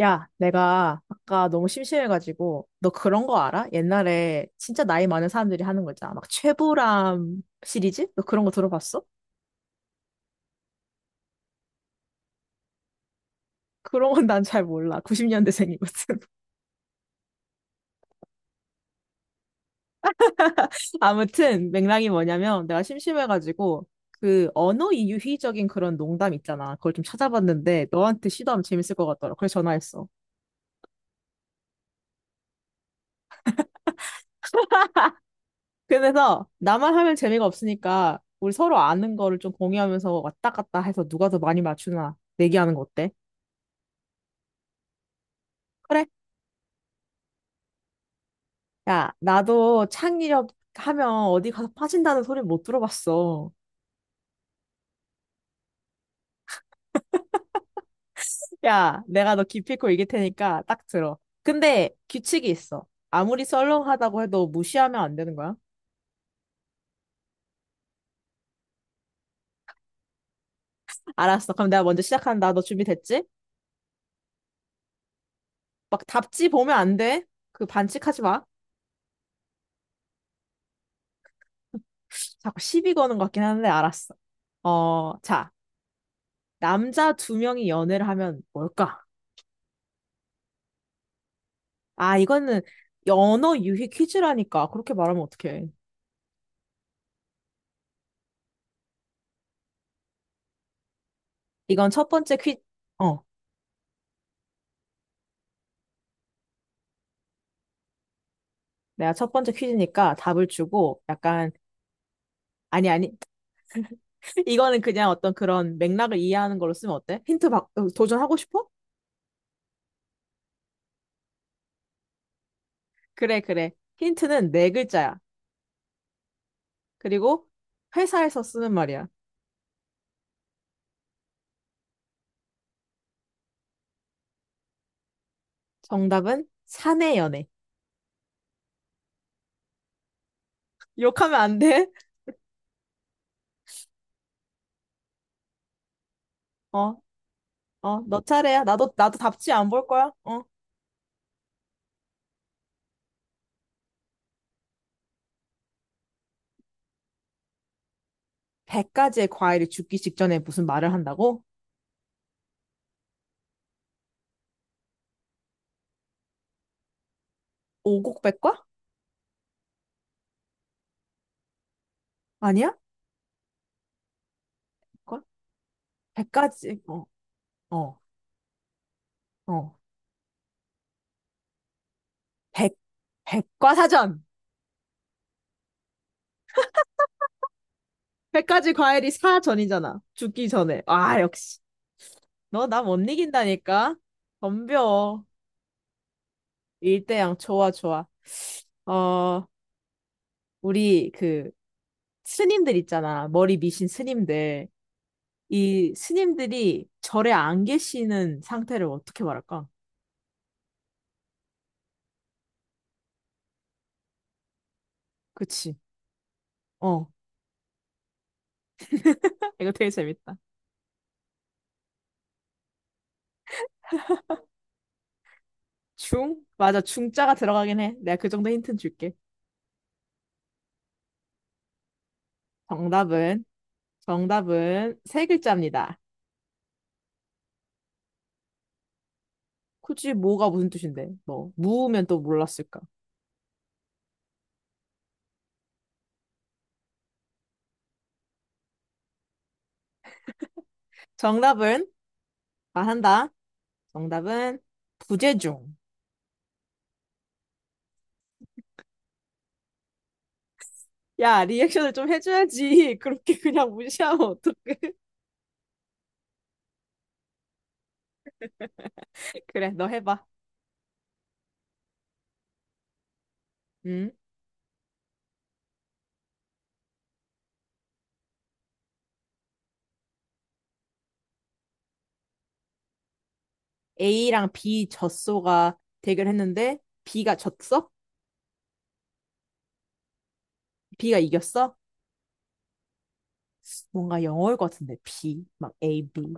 야, 내가 아까 너무 심심해가지고, 너 그런 거 알아? 옛날에 진짜 나이 많은 사람들이 하는 거 있잖아. 막 최불암 시리즈? 너 그런 거 들어봤어? 그런 건 난 잘 몰라. 90년대생이거든. 아무튼 맥락이 뭐냐면 내가 심심해가지고 그 언어 이유희적인 그런 농담 있잖아. 그걸 좀 찾아봤는데 너한테 시도하면 재밌을 것 같더라. 그래서 전화했어. 그래서 나만 하면 재미가 없으니까 우리 서로 아는 거를 좀 공유하면서 왔다 갔다 해서 누가 더 많이 맞추나 내기하는 거 어때? 그래? 야, 나도 창의력 하면 어디 가서 빠진다는 소리 못 들어봤어. 야, 내가 너 기필코 이길 테니까 딱 들어. 근데 규칙이 있어. 아무리 썰렁하다고 해도 무시하면 안 되는 거야. 알았어. 그럼 내가 먼저 시작한다. 너 준비됐지? 막 답지 보면 안 돼. 그 반칙하지 마. 자꾸 시비 거는 것 같긴 한데 알았어. 어, 자, 남자 두 명이 연애를 하면 뭘까? 아, 이거는 연어 유희 퀴즈라니까. 그렇게 말하면 어떡해. 이건 첫 번째 퀴즈. 내가 첫 번째 퀴즈니까 답을 주고 약간 아니. 이거는 그냥 어떤 그런 맥락을 이해하는 걸로 쓰면 어때? 힌트 박 도전하고 싶어? 그래 그래. 힌트는 네 글자야. 그리고 회사에서 쓰는 말이야. 정답은 사내 연애. 욕하면 안 돼? 어. 어, 너 차례야. 나도 답지 안 볼 거야. 어, 100가지의 과일이 죽기 직전에 무슨 말을 한다고? 오곡백과? 아니야? 백과? 100가지 어어어 백과사전. 백 가지 과일이 사전이잖아. 죽기 전에. 아, 역시. 너 나 못 이긴다니까? 덤벼. 일대양 좋아, 좋아. 어, 우리 그 스님들 있잖아. 머리 미신 스님들. 이 스님들이 절에 안 계시는 상태를 어떻게 말할까? 그치. 어. 이거 되게 재밌다. 중? 맞아. 중자가 들어가긴 해. 내가 그 정도 힌트는 줄게. 정답은, 정답은 세 글자입니다. 굳이 뭐가 무슨 뜻인데? 뭐, 무우면 또 몰랐을까? 정답은 말한다. 정답은 부재중. 야, 리액션을 좀 해줘야지. 그렇게 그냥 무시하면 어떡해. 그래, 너 해봐. 음 A랑 B 젖소가 대결했는데 B가 졌어? B가 이겼어? 뭔가 영어일 것 같은데 B 막 A B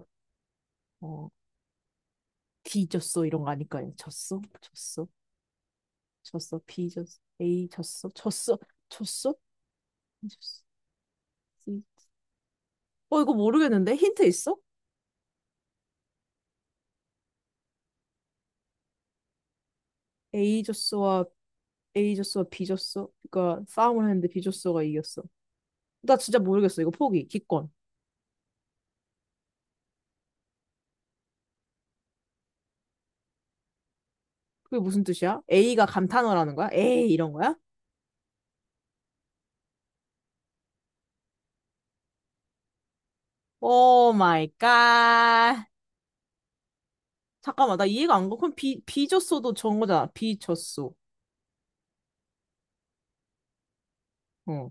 어 D 졌어 이런 거 아닐까요? 졌어 졌어 졌어 B 졌어 A 졌어 졌어 졌어 B 졌어 C. 이거 모르겠는데 힌트 있어? A 졌어와 A 졌어, B 졌어. 그러니까 싸움을 했는데 B 졌어가 이겼어. 나 진짜 모르겠어. 이거 포기, 기권. 그게 무슨 뜻이야? A가 감탄어라는 거야? 에이 이런 거야? 오 마이 갓. 잠깐만, 나 이해가 안 가. 그럼 B, B 졌어도 전 거잖아. B 졌어. 어,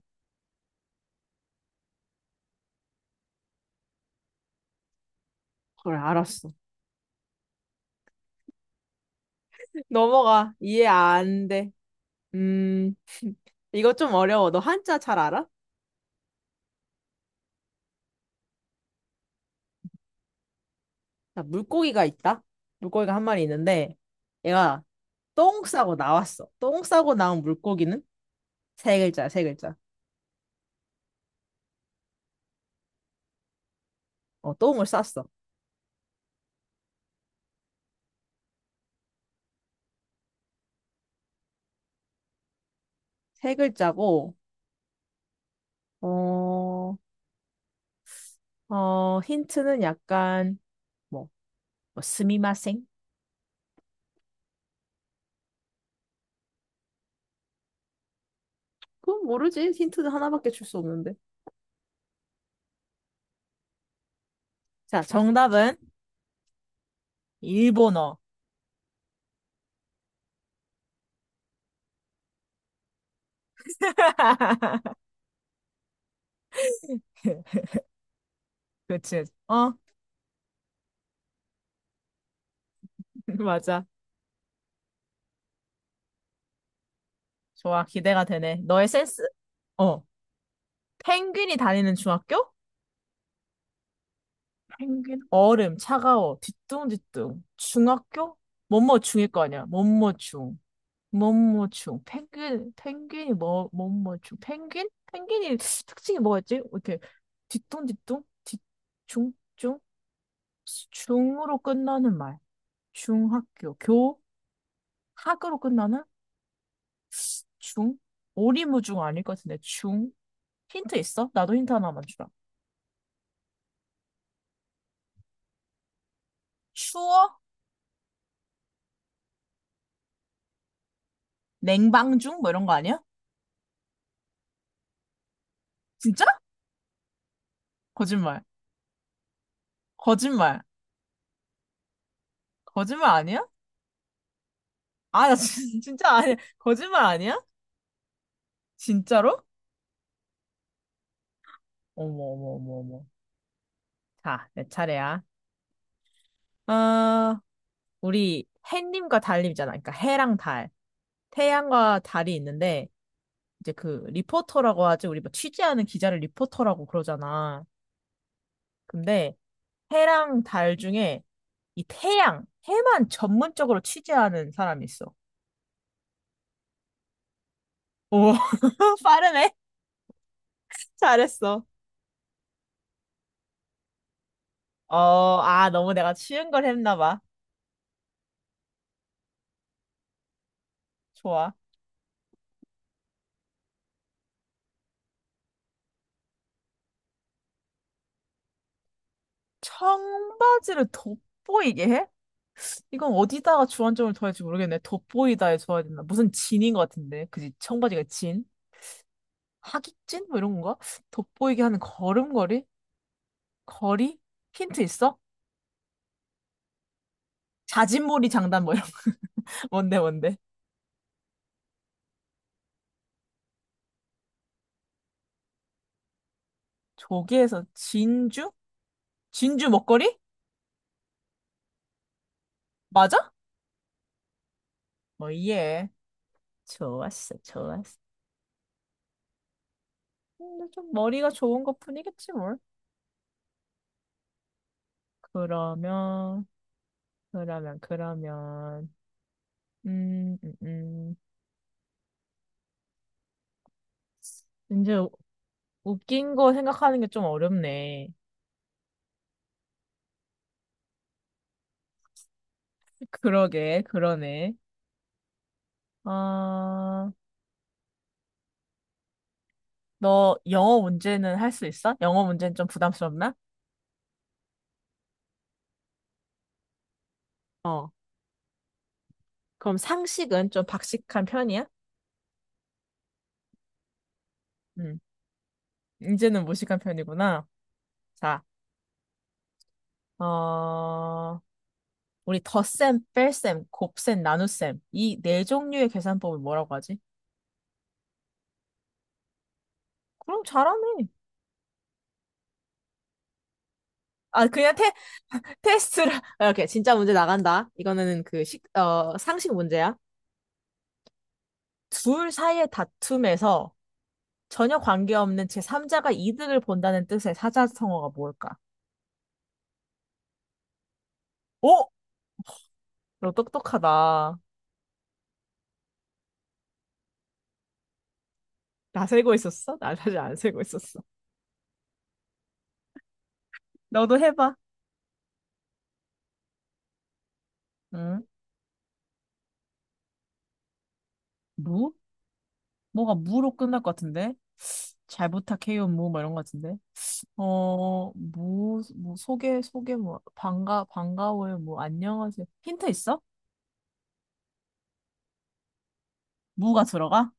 그래, 알았어. 넘어가. 이해 안 돼. 음, 이거 좀 어려워. 너 한자 잘 알아? 자, 물고기가 있다. 물고기가 한 마리 있는데, 얘가 똥 싸고 나왔어. 똥 싸고 나온 물고기는 세 글자, 야 세 글자. 어, 똥을 쌌어. 세 글자고, 어, 힌트는 약간, 뭐, 뭐 스미마셍? 그건 모르지. 힌트는 하나밖에 줄 수 없는데. 자, 정답은 일본어. 그치. 어, 맞아. 좋아. 기대가 되네. 너의 센스? 어. 펭귄이 다니는 중학교? 펭귄. 얼음, 차가워, 뒤뚱뒤뚱. 중학교? 뭐뭐 중일 거 아니야. 뭐뭐 중. 몸모충, 펭귄, 펭귄이 뭐, 몸모충, 펭귄? 펭귄이 특징이 뭐였지? 이렇게 뒤뚱뒤뚱, 뒤중, 중, 중으로 끝나는 말. 중학교, 교, 학으로 끝나는 중, 오리무중 아닐 것 같은데, 중. 힌트 있어? 나도 힌트 하나만 주라. 추워? 냉방중? 뭐 이런 거 아니야? 진짜? 거짓말. 거짓말. 거짓말 아니야? 아, 나 진짜 아니야. 거짓말 아니야? 진짜로? 어머, 어머, 어머, 어머. 자, 내 차례야. 어, 우리 해님과 달님이잖아. 그러니까 해랑 달. 태양과 달이 있는데, 이제 그 리포터라고 하지. 우리 뭐 취재하는 기자를 리포터라고 그러잖아. 근데 해랑 달 중에 이 태양, 해만 전문적으로 취재하는 사람이 있어. 오, 빠르네. 잘했어. 어, 아, 너무 내가 쉬운 걸 했나 봐. 좋아. 청바지를 돋보이게 해? 이건 어디다가 주안점을 둬야 할지 모르겠네. 돋보이다에 줘야 되나? 무슨 진인 것 같은데. 그지? 청바지가 진? 하깃진? 뭐 이런 건가? 돋보이게 하는 걸음걸이? 거리? 힌트 있어? 자진몰이 장단 뭐 이런 거. 뭔데 뭔데? 조개에서 진주? 진주 먹거리? 맞아? 어, 예. 좋았어, 좋았어. 근데 좀 머리가 좋은 것 뿐이겠지 뭘. 그러면, 그러면. 음, 음, 음. 이제 웃긴 거 생각하는 게 좀 어렵네. 그러게, 그러네. 아, 너 영어 문제는 할 수 있어? 영어 문제는 좀 부담스럽나? 어. 그럼 상식은 좀 박식한 편이야? 음, 이제는 무식한 편이구나. 자, 어, 우리 덧셈, 뺄셈, 곱셈, 나눗셈. 이 네 종류의 계산법을 뭐라고 하지? 그럼 잘하네. 아, 그냥 테스트를. 이렇게 진짜 문제 나간다. 이거는 그 식, 어, 상식 문제야. 둘 사이의 다툼에서 전혀 관계없는 제3자가 이득을 본다는 뜻의 사자성어가 뭘까? 오! 너 똑똑하다. 나 세고 있었어? 나 사실 안 세고 있었어. 너도 해봐. 응? 무? 뭐가 무로 끝날 것 같은데? 잘 부탁해요, 무, 뭐 이런 것 같은데? 어, 무... 뭐, 소개, 소개, 뭐, 반가, 반가워요, 뭐, 안녕하세요. 힌트 있어? 무가 들어가?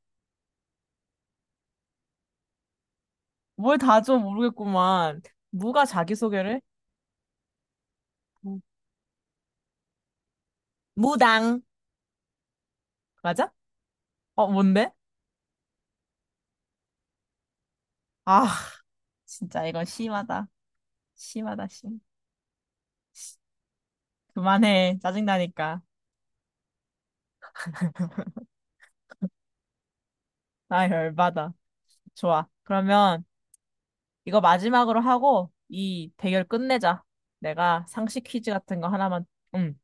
뭘 다 줘 모르겠구만. 무가 자기소개를? 해? 무. 무당. 맞아? 어, 뭔데? 아, 진짜 이건 심하다. 심하다, 심. 그만해. 짜증나니까. 나 열받아. 좋아. 그러면 이거 마지막으로 하고 이 대결 끝내자. 내가 상식 퀴즈 같은 거 하나만. 응.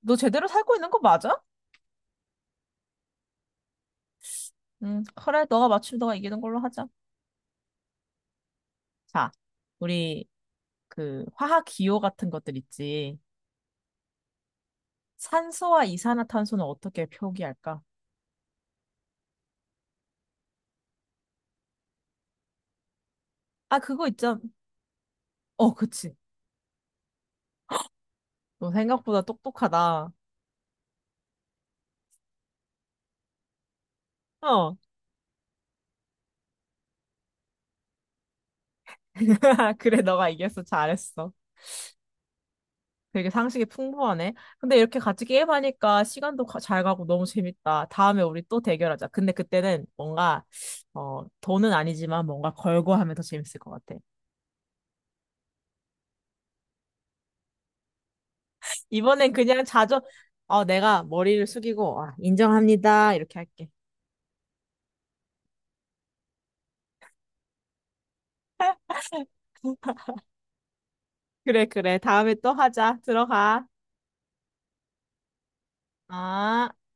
너 제대로 살고 있는 거 맞아? 응. 그래, 너가 맞추면 너가 이기는 걸로 하자. 자, 우리 그 화학 기호 같은 것들 있지. 산소와 이산화탄소는 어떻게 표기할까? 아, 그거 있잖아. 어, 그치. 너 생각보다 똑똑하다. 어. 그래, 너가 이겼어. 잘했어. 되게 상식이 풍부하네. 근데 이렇게 같이 게임하니까 시간도 잘 가고 너무 재밌다. 다음에 우리 또 대결하자. 근데 그때는 뭔가, 어, 돈은 아니지만 뭔가 걸고 하면 더 재밌을 것 같아. 이번엔 그냥 자주, 어, 내가 머리를 숙이고, 아, 인정합니다. 이렇게 할게. 그래, 그래. 다음에 또 하자. 들어가. 아.